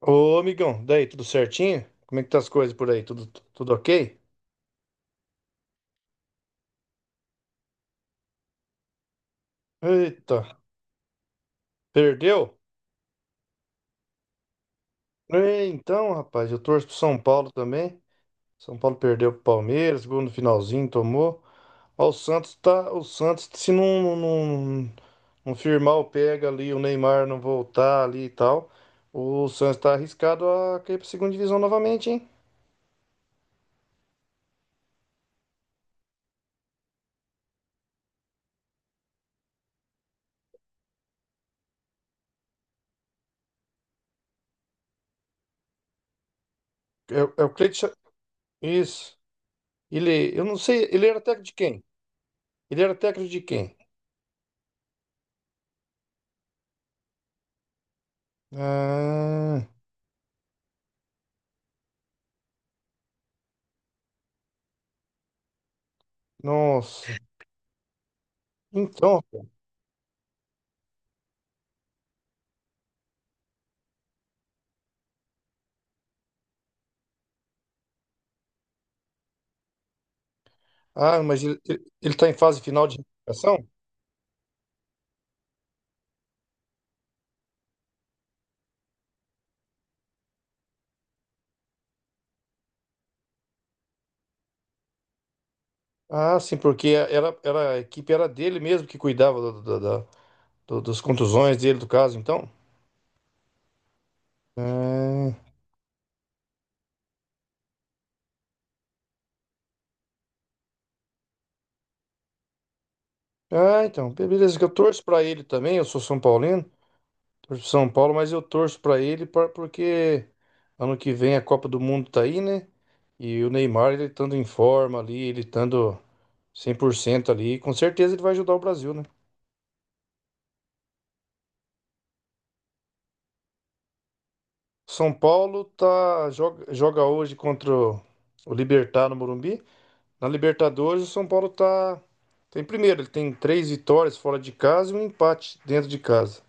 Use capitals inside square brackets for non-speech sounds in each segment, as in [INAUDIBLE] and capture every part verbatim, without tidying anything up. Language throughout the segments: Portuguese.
Ô, amigão, daí, tudo certinho? Como é que tá as coisas por aí? Tudo, tudo ok? Eita, perdeu? É, então, rapaz, eu torço pro São Paulo também. São Paulo perdeu pro Palmeiras, gol no finalzinho, tomou. Ó, o Santos tá, o Santos, se não, não, não firmar o pega ali, o Neymar não voltar ali e tal, o Santos tá arriscado a cair pra segunda divisão novamente, hein? É, o- é o Cleiton, Cha- isso. Ele, eu não sei, ele era técnico de quem? Ele era técnico de quem? Ah. Nossa. Então, ah, mas ele, está em fase final de recuperação? Ah, sim, porque era, era, a equipe era dele mesmo que cuidava do, do- da- do- das contusões dele, do caso, então. Ah, ah, então, beleza, que eu torço pra ele também, eu sou São Paulino, torço pro São Paulo, mas eu torço pra ele pra- porque ano que vem a Copa do Mundo tá aí, né? E o Neymar, ele estando em forma ali, ele estando cem por cento ali, com certeza ele vai ajudar o Brasil, né? São Paulo tá, joga, joga hoje contra o, o Libertad no Morumbi. Na Libertadores, o São Paulo tá, tá em primeiro. Ele tem três vitórias fora de casa e um empate dentro de casa.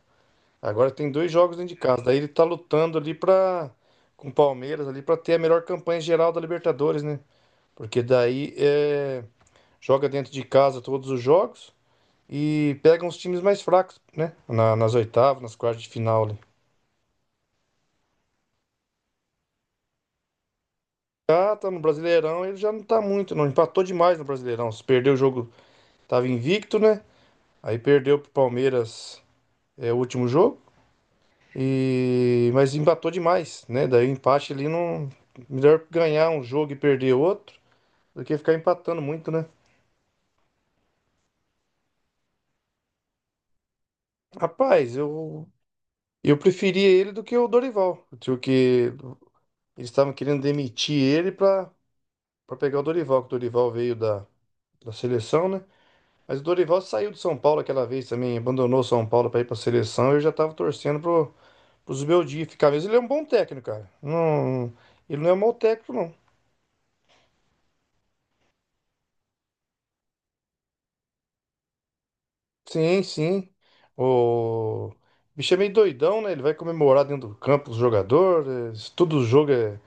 Agora tem dois jogos dentro de casa. Daí ele tá lutando ali pra, com o Palmeiras ali para ter a melhor campanha geral da Libertadores, né? Porque daí é, joga dentro de casa todos os jogos e pega uns times mais fracos, né? Na- nas oitavas, nas quartas de final ali. Já tá no Brasileirão, ele já não tá muito, não. Empatou demais no Brasileirão. Se perdeu o jogo, tava invicto, né? Aí perdeu pro Palmeiras, é, o último jogo. E mas empatou demais, né? Daí o empate ali não. Melhor ganhar um jogo e perder outro do que ficar empatando muito, né? Rapaz, eu. Eu preferia ele do que o Dorival, porque eles estavam querendo demitir ele pra, pra pegar o Dorival, que o Dorival veio da, da seleção, né? Mas o Dorival saiu do São Paulo aquela vez também, abandonou o São Paulo para ir para a seleção. Eu já tava torcendo pro, pro Beldia ficar mesmo. Ele é um bom técnico, cara. Não, ele não é um mau técnico, não. Sim, sim. O bicho é meio doidão, né? Ele vai comemorar dentro do campo os jogadores. Todo jogo é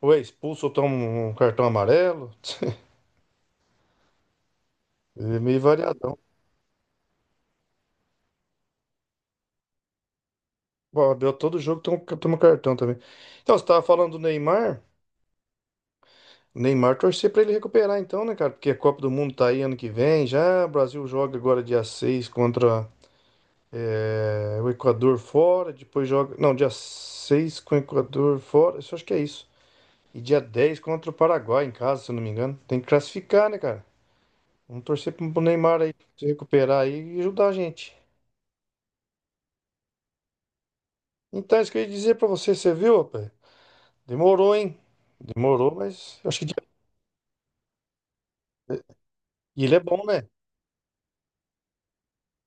ou é expulso ou toma um um cartão amarelo. [LAUGHS] Ele é meio variadão. Bom, Abel, todo jogo toma, um, toma um cartão também. Então, você tava falando do Neymar. Neymar torcer pra ele recuperar então, né, cara? Porque a Copa do Mundo tá aí ano que vem já. O Brasil joga agora dia seis contra eh, o Equador fora. Depois joga. Não, dia seis com o Equador fora. Isso acho que é isso. E dia dez contra o Paraguai em casa, se eu não me engano. Tem que classificar, né, cara? Vamos torcer pro pro Neymar aí se recuperar aí e ajudar a gente. Então, é isso que eu ia dizer pra você, você viu, rapaz? Demorou, hein? Demorou, mas acho que. Dia- E ele é bom, né?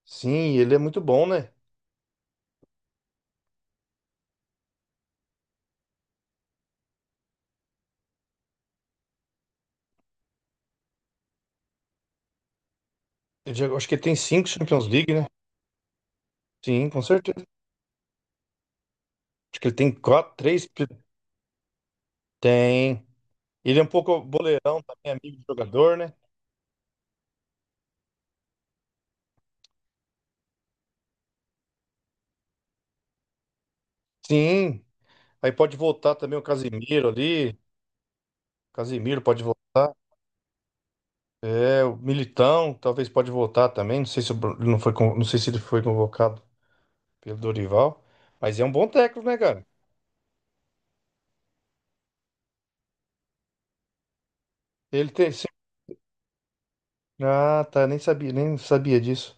Sim, ele é muito bom, né? Ele já- acho que ele tem cinco Champions League, né? Sim, com certeza. Acho que ele tem quatro, três. Pe- Tem. Ele é um pouco boleirão também, amigo de jogador, né? Sim. Aí pode voltar também o Casimiro ali. Casimiro pode voltar. É, o Militão talvez pode voltar também. Não sei se o Bru- ele não foi, con- não sei se ele foi convocado pelo Dorival. Mas é um bom técnico, né, cara? Ele tem. Sim. Ah, tá. Nem sabia, nem sabia disso.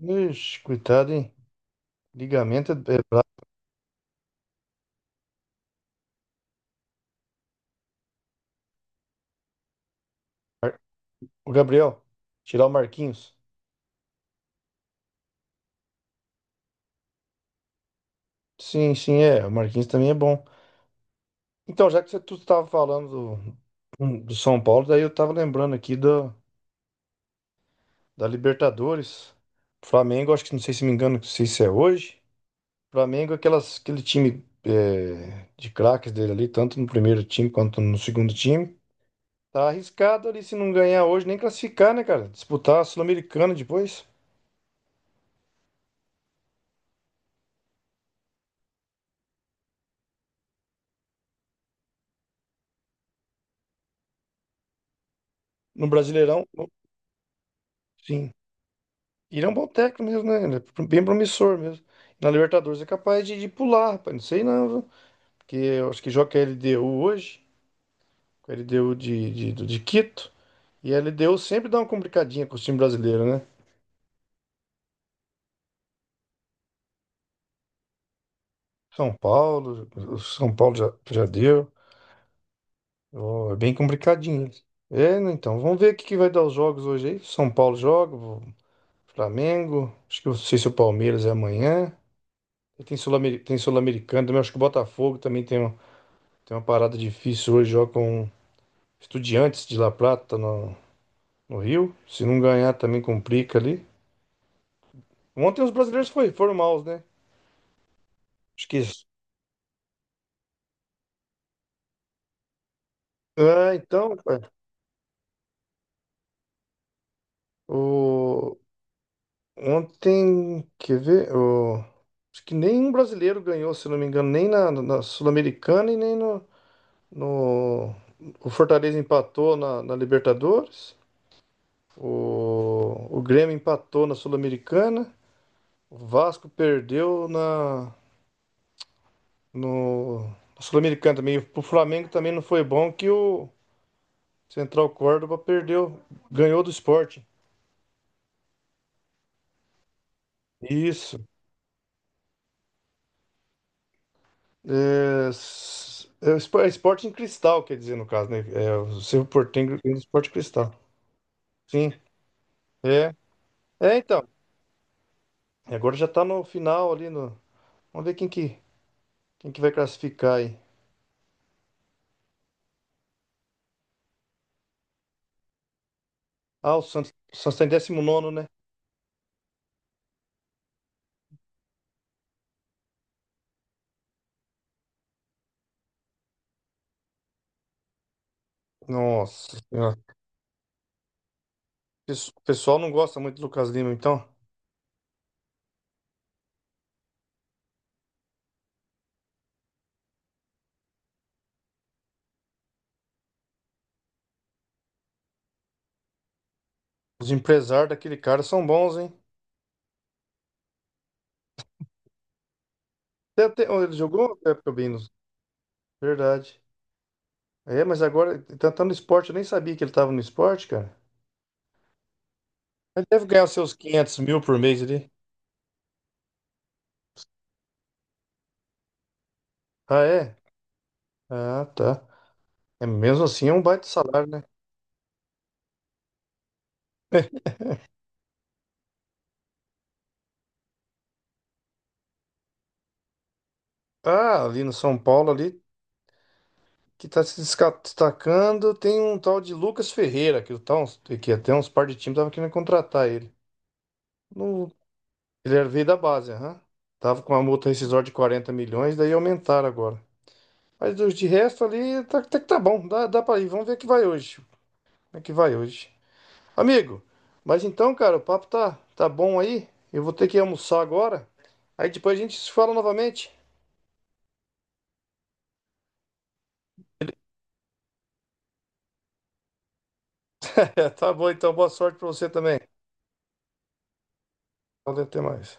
Ixi, coitado, hein? Ligamento é. é brabo. O Gabriel, tirar o Marquinhos. Sim, sim, é. O Marquinhos também é bom. Então, já que você tu estava falando do, hum, do São Paulo, daí eu estava lembrando aqui da da Libertadores. Flamengo, acho que não sei se me engano, não sei se é hoje. Flamengo, é aquelas, aquele time é, de craques dele ali, tanto no primeiro time quanto no segundo time. Tá arriscado ali se não ganhar hoje, nem classificar, né, cara? Disputar a Sul-Americana depois, no Brasileirão, sim. Ele é um bom técnico mesmo, né? Ele é bem promissor mesmo. Na Libertadores é capaz de, de pular, rapaz. Não sei não, viu? Porque eu acho que joga a L D U hoje. Ele deu de, de, do- de Quito. E ele deu sempre dá uma complicadinha com o time brasileiro, né? São Paulo, o São Paulo já, já deu. Ó, é bem complicadinho. É, né, então, vamos ver o que que vai dar os jogos hoje aí. São Paulo joga, o Flamengo. Acho que eu não sei se o Palmeiras é amanhã. E tem Sul-Ameri- tem Sul-Americano também. Acho que o Botafogo também tem, um- tem uma parada difícil hoje. Joga com Estudiantes de La Plata no, no Rio. Se não ganhar, também complica ali. Ontem os brasileiros foi, foram maus, né? Acho que ah, então, pai, o ontem, quer ver? O... Acho que nenhum brasileiro ganhou, se não me engano, nem na, na Sul-Americana e nem no, no O Fortaleza empatou na, na Libertadores, o... o Grêmio empatou na Sul-Americana, o Vasco perdeu na, no... na Sul-Americana também. E o Flamengo também não foi bom, que o Central Córdoba perdeu, ganhou do Sport. Isso. É, s- é espo- é esporte em cristal, quer dizer, no caso, né? É, o Cerro Porteño tem esporte em cristal. Sim, é. É, então. E agora já tá no final ali no vamos ver quem que, quem que vai classificar aí. Ah, o Santos, o Santos tá em décimo nono, né? Nossa Senhora. Pes- O pessoal não gosta muito do Lucas Lima, então. Os empresários daquele cara são bons, hein? Até, até- oh, ele jogou até pro Binos. Verdade. É, mas agora, tá, tá no esporte, eu nem sabia que ele tava no esporte, cara. Ele deve ganhar os seus quinhentos mil por mês ali. Ah, é? Ah, tá. É mesmo assim, é um baita salário, né? Ah, ali no São Paulo, ali, que tá se desca- destacando, tem um tal de Lucas Ferreira, que, o tal, que até uns par de times estavam querendo contratar ele. No, ele era- veio da base, aham. Tava com uma multa rescisória de quarenta milhões, daí aumentaram agora. Mas dos de resto ali, tá, até que tá bom, dá, dá pra ir. Vamos ver o que vai hoje. Como é que vai hoje. Amigo, mas então, cara, o papo tá, tá bom aí. Eu vou ter que almoçar agora. Aí depois a gente se fala novamente. É, tá bom, então. Boa sorte pra você também. Então, até mais.